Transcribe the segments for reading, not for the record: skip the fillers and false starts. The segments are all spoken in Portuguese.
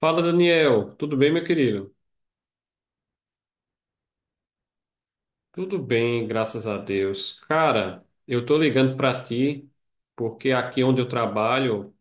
Fala, Daniel. Tudo bem, meu querido? Tudo bem, graças a Deus. Cara, eu tô ligando pra ti porque aqui onde eu trabalho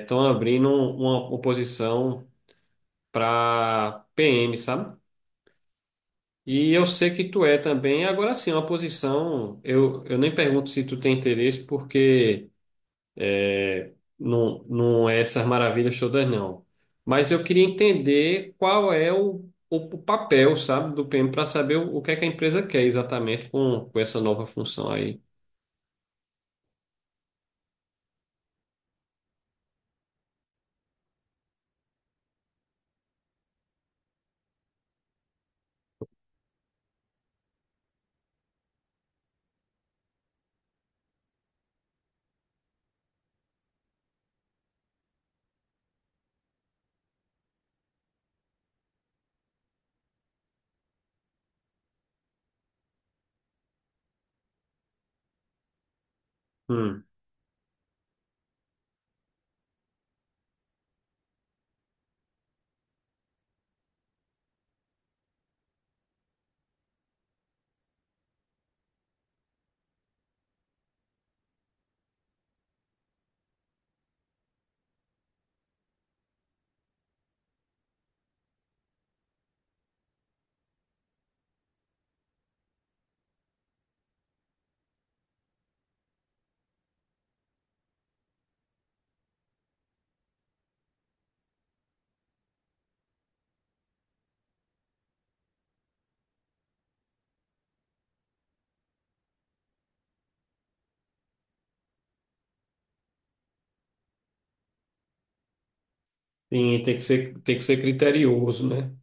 estão abrindo uma oposição pra PM, sabe? E eu sei que tu é também. Agora sim, uma posição, eu nem pergunto se tu tem interesse porque não, não é essas maravilhas todas, não. Mas eu queria entender qual é o papel, sabe, do PM para saber o que é que a empresa quer exatamente com essa nova função aí. Hum. Sim, tem que ser criterioso, né?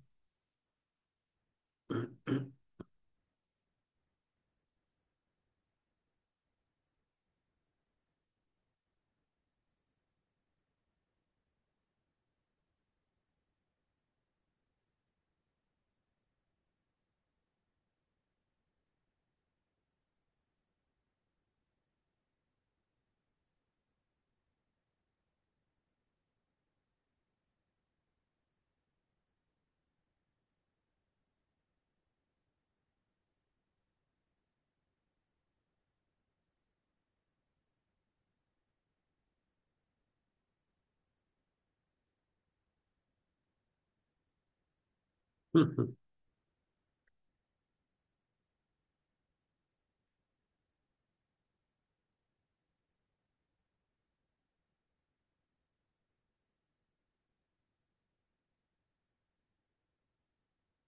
Uhum.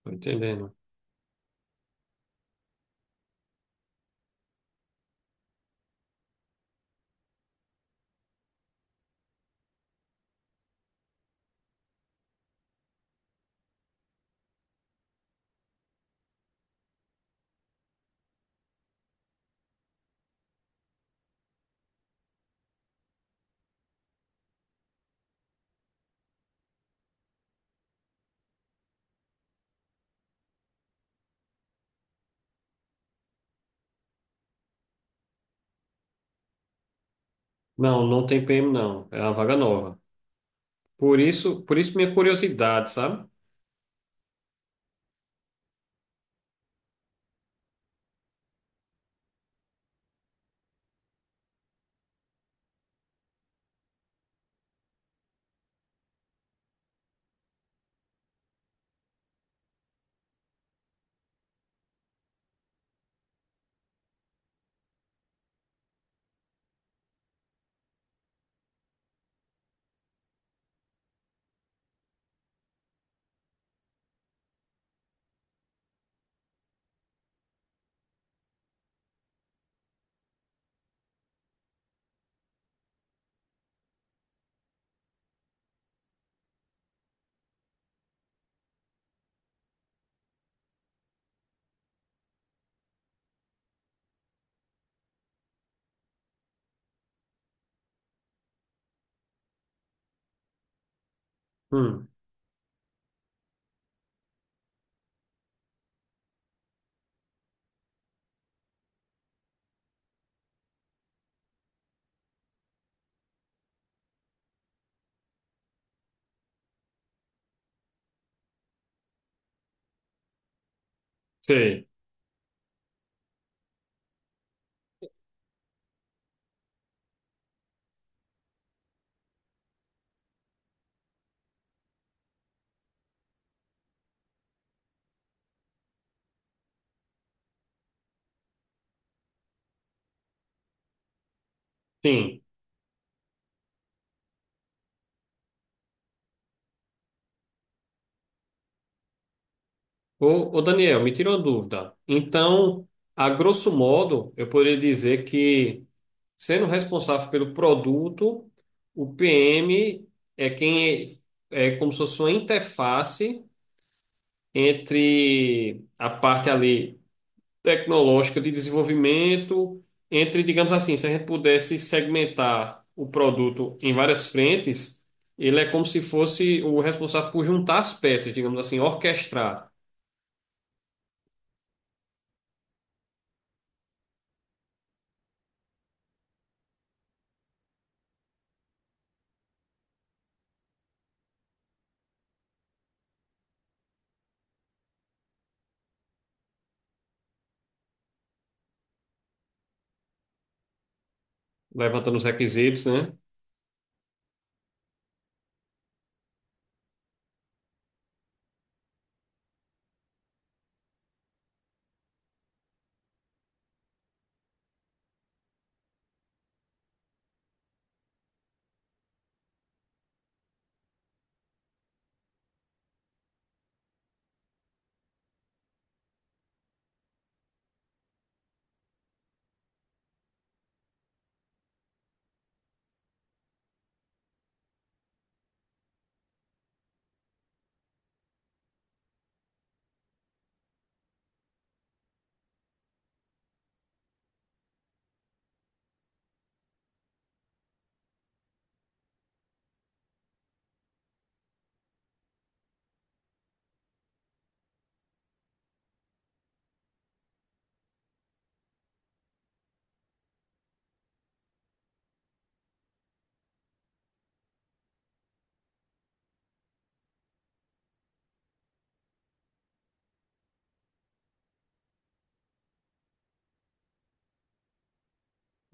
Tô entendendo. Não, não tem PM, não. É uma vaga nova. Por isso minha curiosidade, sabe? Hum. Sei. Sim. Ô, ô Daniel, me tira uma dúvida. Então, a grosso modo, eu poderia dizer que, sendo responsável pelo produto, o PM é quem é, é como se fosse uma interface entre a parte ali tecnológica de desenvolvimento, entre, digamos assim, se a gente pudesse segmentar o produto em várias frentes, ele é como se fosse o responsável por juntar as peças, digamos assim, orquestrar, levantando os requisitos, né?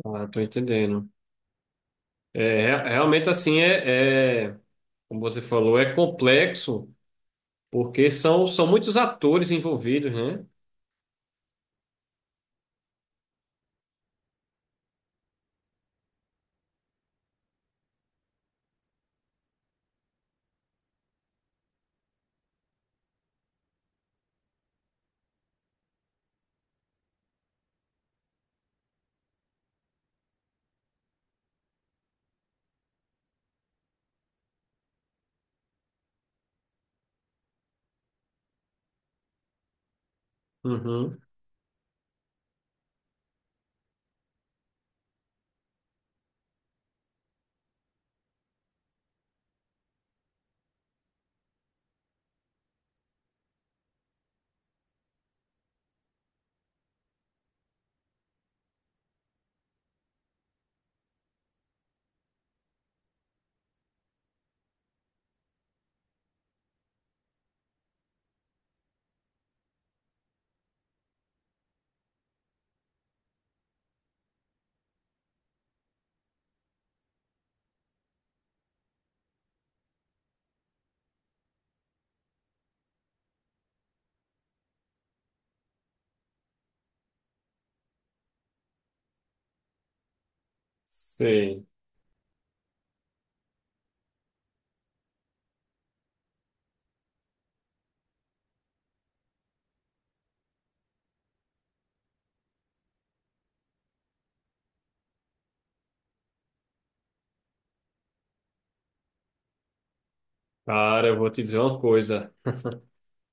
Ah, tô entendendo. É, realmente assim é, como você falou, é complexo. Porque são muitos atores envolvidos, né? Uhum. Sei. Cara, eu vou te dizer uma coisa.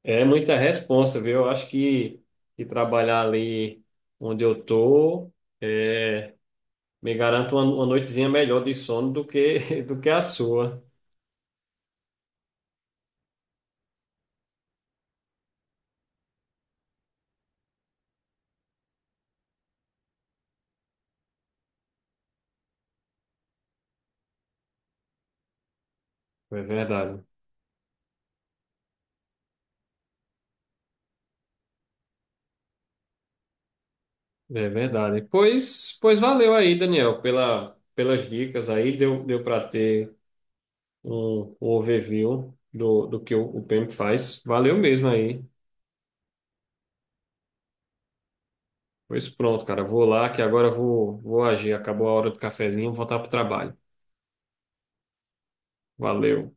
É muita responsa, viu? Eu acho que trabalhar ali onde eu tô é, me garante uma noitezinha melhor de sono do que, do que a sua. É verdade. É verdade. Pois valeu aí, Daniel, pela, pelas dicas aí. Deu para ter um, um overview do, do que o PEM faz. Valeu mesmo aí. Pois pronto, cara. Vou lá que agora vou agir. Acabou a hora do cafezinho, vou voltar pro trabalho. Valeu.